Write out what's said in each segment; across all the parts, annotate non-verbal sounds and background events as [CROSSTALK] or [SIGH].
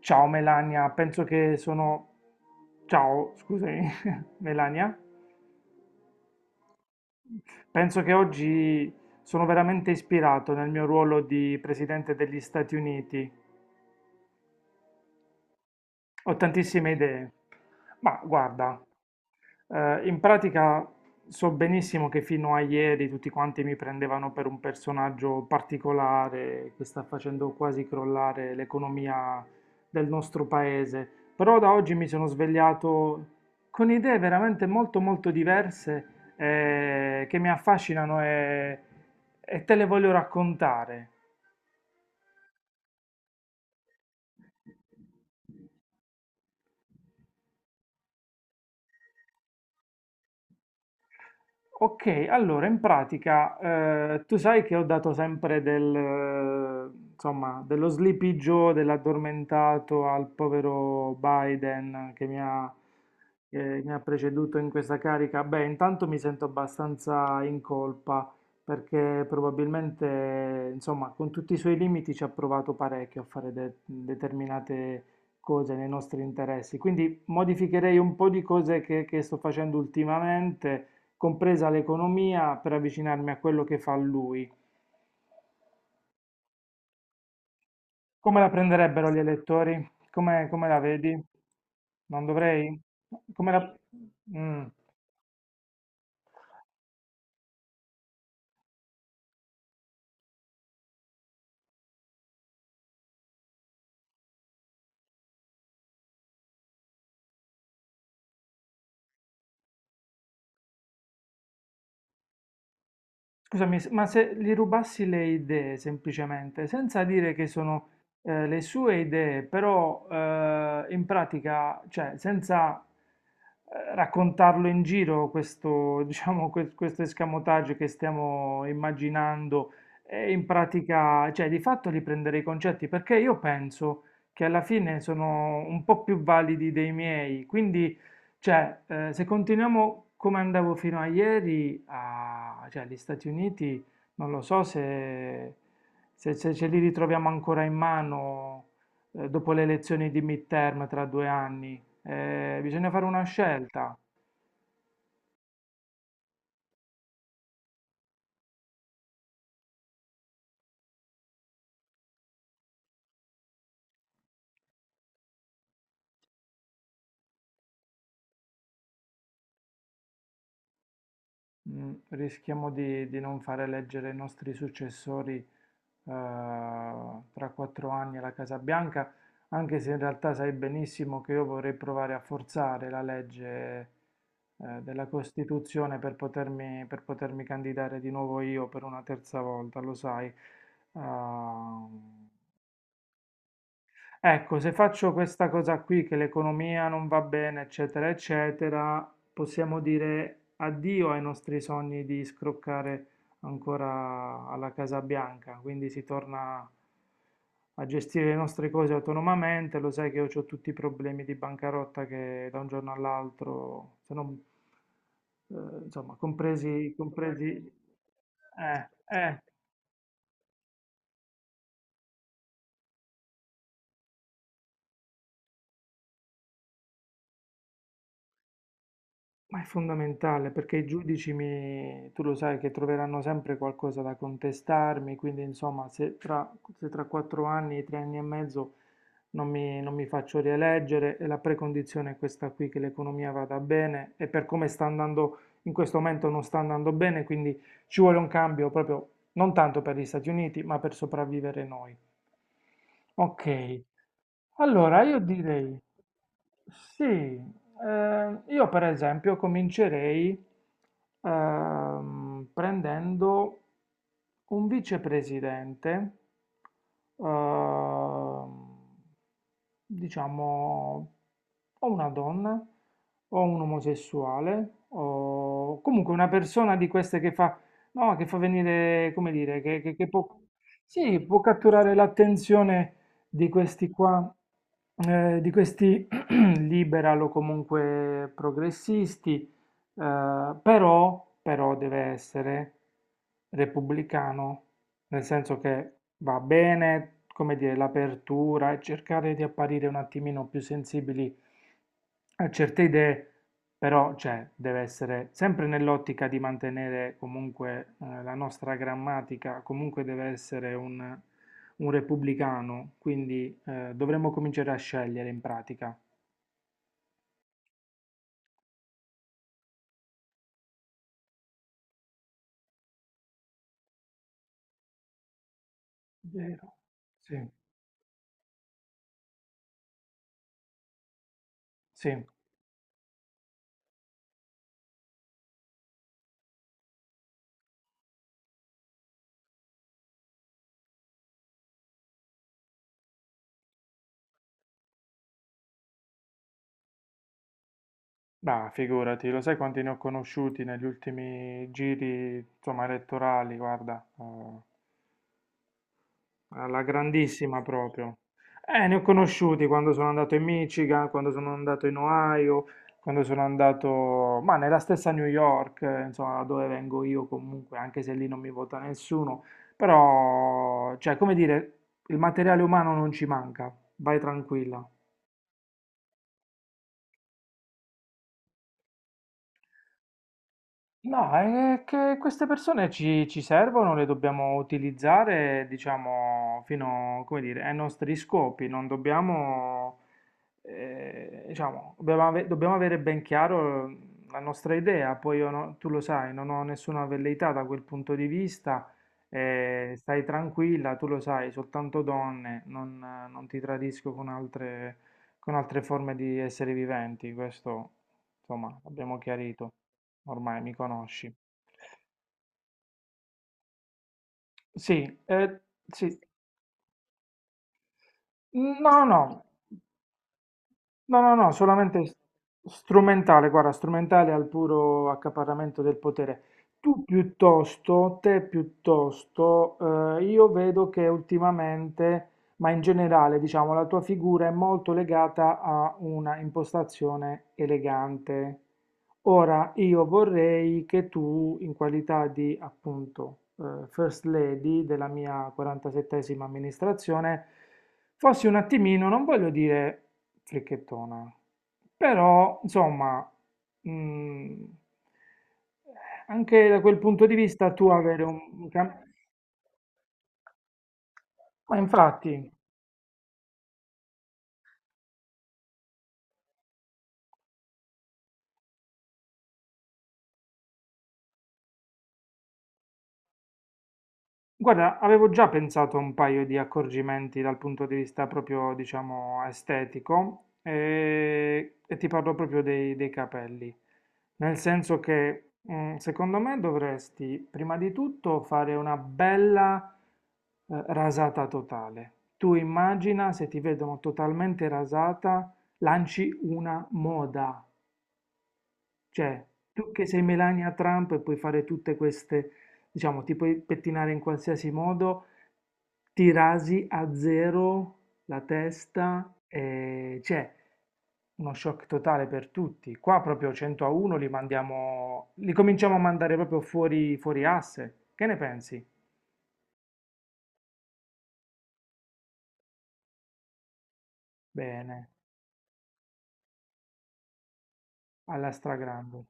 Ciao Melania, penso che sono... Ciao, scusami, [LAUGHS] Melania. Penso che oggi sono veramente ispirato nel mio ruolo di presidente degli Stati Uniti. Ho tantissime idee. Ma guarda, in pratica so benissimo che fino a ieri tutti quanti mi prendevano per un personaggio particolare che sta facendo quasi crollare l'economia del nostro paese, però da oggi mi sono svegliato con idee veramente molto molto diverse che mi affascinano e te le voglio raccontare. Ok, allora in pratica tu sai che ho dato sempre insomma, dello Sleepy Joe, dell'addormentato al povero Biden che mi ha preceduto in questa carica. Beh, intanto mi sento abbastanza in colpa perché probabilmente, insomma, con tutti i suoi limiti ci ha provato parecchio a fare determinate cose nei nostri interessi. Quindi modificherei un po' di cose che sto facendo ultimamente compresa l'economia, per avvicinarmi a quello che fa lui. Come la prenderebbero gli elettori? Come la vedi? Non dovrei? Come la... Mm. Scusami, ma se gli rubassi le idee semplicemente, senza dire che sono le sue idee, però in pratica, cioè senza raccontarlo in giro questo, [LAUGHS] diciamo, questo escamotage che stiamo immaginando, e in pratica, cioè di fatto li prendere i concetti, perché io penso che alla fine sono un po' più validi dei miei, quindi cioè, se continuiamo come andavo fino a ieri, cioè, gli Stati Uniti, non lo so se ce li ritroviamo ancora in mano dopo le elezioni di midterm tra due anni. Bisogna fare una scelta. Rischiamo di non fare eleggere i nostri successori eh, tra quattro anni alla Casa Bianca, anche se in realtà sai benissimo che io vorrei provare a forzare la legge, della Costituzione per potermi candidare di nuovo io per una terza volta, lo sai. Ehm, Ecco, se faccio questa cosa qui, che l'economia non va bene, eccetera, eccetera, possiamo dire addio ai nostri sogni di scroccare ancora alla Casa Bianca. Quindi si torna a gestire le nostre cose autonomamente. Lo sai che io ho tutti i problemi di bancarotta che da un giorno all'altro, se non, insomma, compresi, eh, eh. Ma è fondamentale perché i giudici tu lo sai che troveranno sempre qualcosa da contestarmi, quindi insomma se tra quattro anni, tre anni e mezzo non mi faccio rieleggere e la precondizione è questa qui, che l'economia vada bene e per come sta andando in questo momento non sta andando bene, quindi ci vuole un cambio proprio non tanto per gli Stati Uniti ma per sopravvivere noi. Ok, allora, io direi sì, io per esempio comincerei prendendo un vicepresidente, ehm, diciamo, o una donna, o un omosessuale, o comunque una persona di queste che fa, no, che fa venire, come dire, che può, sì, può catturare l'attenzione di questi qua, di questi [CLEARS THROAT] liberal o comunque progressisti, però deve essere repubblicano, nel senso che va bene, come dire, l'apertura e cercare di apparire un attimino più sensibili a certe idee, però cioè, deve essere sempre nell'ottica di mantenere comunque la nostra grammatica, comunque deve essere un repubblicano, quindi, dovremmo cominciare a scegliere in pratica. Vero. Sì, sì. Bah, figurati, lo sai quanti ne ho conosciuti negli ultimi giri, insomma, elettorali, guarda, alla grandissima proprio. Ne ho conosciuti quando sono andato in Michigan, quando sono andato in Ohio, quando sono andato, ma nella stessa New York, insomma, da dove vengo io comunque, anche se lì non mi vota nessuno, però, cioè, come dire, il materiale umano non ci manca, vai tranquilla. No, è che queste persone ci servono, le dobbiamo utilizzare, diciamo, fino, come dire, ai nostri scopi, non dobbiamo, diciamo, dobbiamo avere ben chiaro la nostra idea, poi io tu lo sai, non ho nessuna velleità da quel punto di vista, stai tranquilla, tu lo sai, soltanto donne, non ti tradisco con altre forme di esseri viventi, questo, insomma, abbiamo chiarito. Ormai mi conosci. Sì, sì. No, no, no, no, no, solamente strumentale, guarda, strumentale al puro accaparramento del potere. Tu piuttosto, te piuttosto, io vedo che ultimamente, ma in generale, diciamo, la tua figura è molto legata a una impostazione elegante. Ora io vorrei che tu, in qualità di appunto First Lady della mia 47esima amministrazione, fossi un attimino, non voglio dire fricchettona, però insomma, mm, anche da quel punto di vista tu avere un. Ma infatti. Guarda, avevo già pensato a un paio di accorgimenti dal punto di vista proprio, diciamo, estetico e ti parlo proprio dei capelli. Nel senso che, secondo me, dovresti prima di tutto fare una bella, rasata totale. Tu immagina se ti vedono totalmente rasata, lanci una moda. Cioè, tu che sei Melania Trump e puoi fare tutte queste, diciamo, ti puoi pettinare in qualsiasi modo, ti rasi a zero la testa, e c'è uno shock totale per tutti. Qua proprio 100-1 li mandiamo, li cominciamo a mandare proprio fuori, fuori asse. Che ne pensi? Bene, alla stragrande.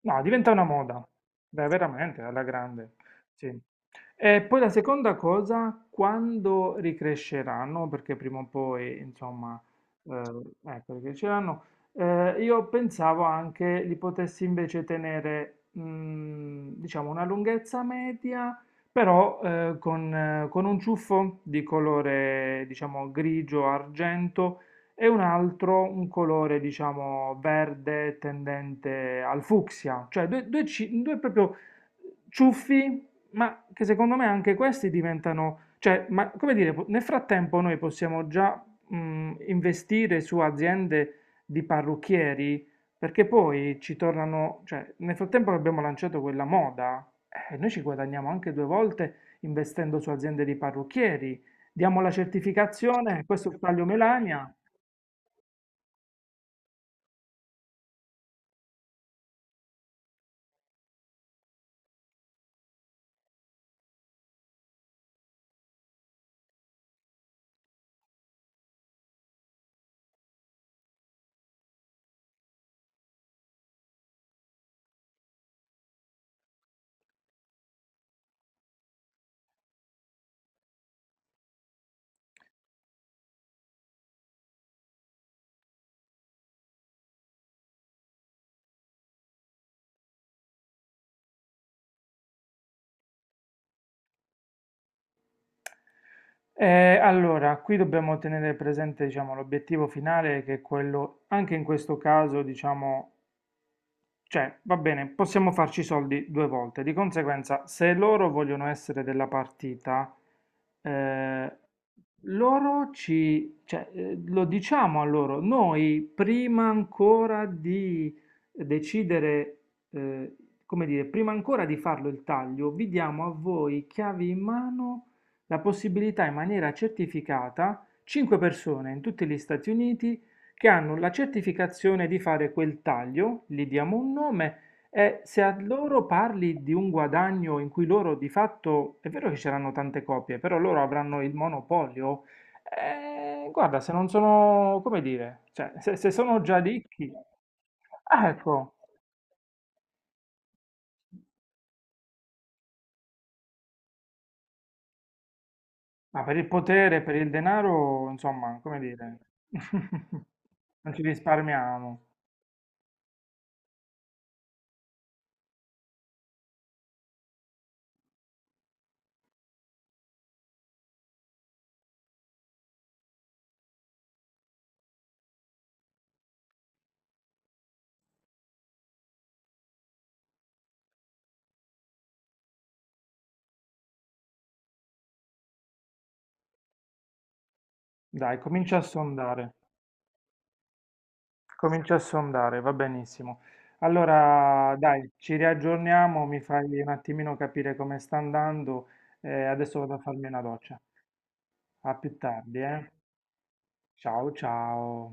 No, diventa una moda. Dai, veramente alla grande. Sì. E poi la seconda cosa, quando ricresceranno, perché prima o poi, insomma, eh, ecco, ricresceranno, io pensavo anche li potessi invece tenere, diciamo, una lunghezza media, però con un ciuffo di colore, diciamo, grigio-argento e un altro un colore, diciamo, verde tendente al fucsia, cioè due proprio ciuffi, ma che secondo me anche questi diventano, cioè, ma come dire, nel frattempo noi possiamo già investire su aziende di parrucchieri, perché poi ci tornano, cioè, nel frattempo che abbiamo lanciato quella moda, noi ci guadagniamo anche due volte investendo su aziende di parrucchieri. Diamo la certificazione, questo è il taglio Melania. Allora, qui dobbiamo tenere presente, diciamo, l'obiettivo finale che è quello, anche in questo caso, diciamo, cioè, va bene, possiamo farci i soldi due volte. Di conseguenza, se loro vogliono essere della partita, eh, cioè, lo diciamo a loro, noi prima ancora di decidere, eh, come dire, prima ancora di farlo il taglio, vi diamo a voi chiavi in mano la possibilità in maniera certificata, 5 persone in tutti gli Stati Uniti che hanno la certificazione di fare quel taglio, gli diamo un nome e se a loro parli di un guadagno in cui loro di fatto, è vero che ci saranno tante copie, però loro avranno il monopolio, guarda, se non sono, come dire, cioè, se sono già ricchi, ah, ecco, ma per il potere, per il denaro, insomma, come dire, [LAUGHS] non ci risparmiamo. Dai, comincia a sondare. Comincio a sondare, va benissimo. Allora, dai, ci riaggiorniamo, mi fai un attimino capire come sta andando e adesso vado a farmi una doccia. A più tardi, eh? Ciao ciao.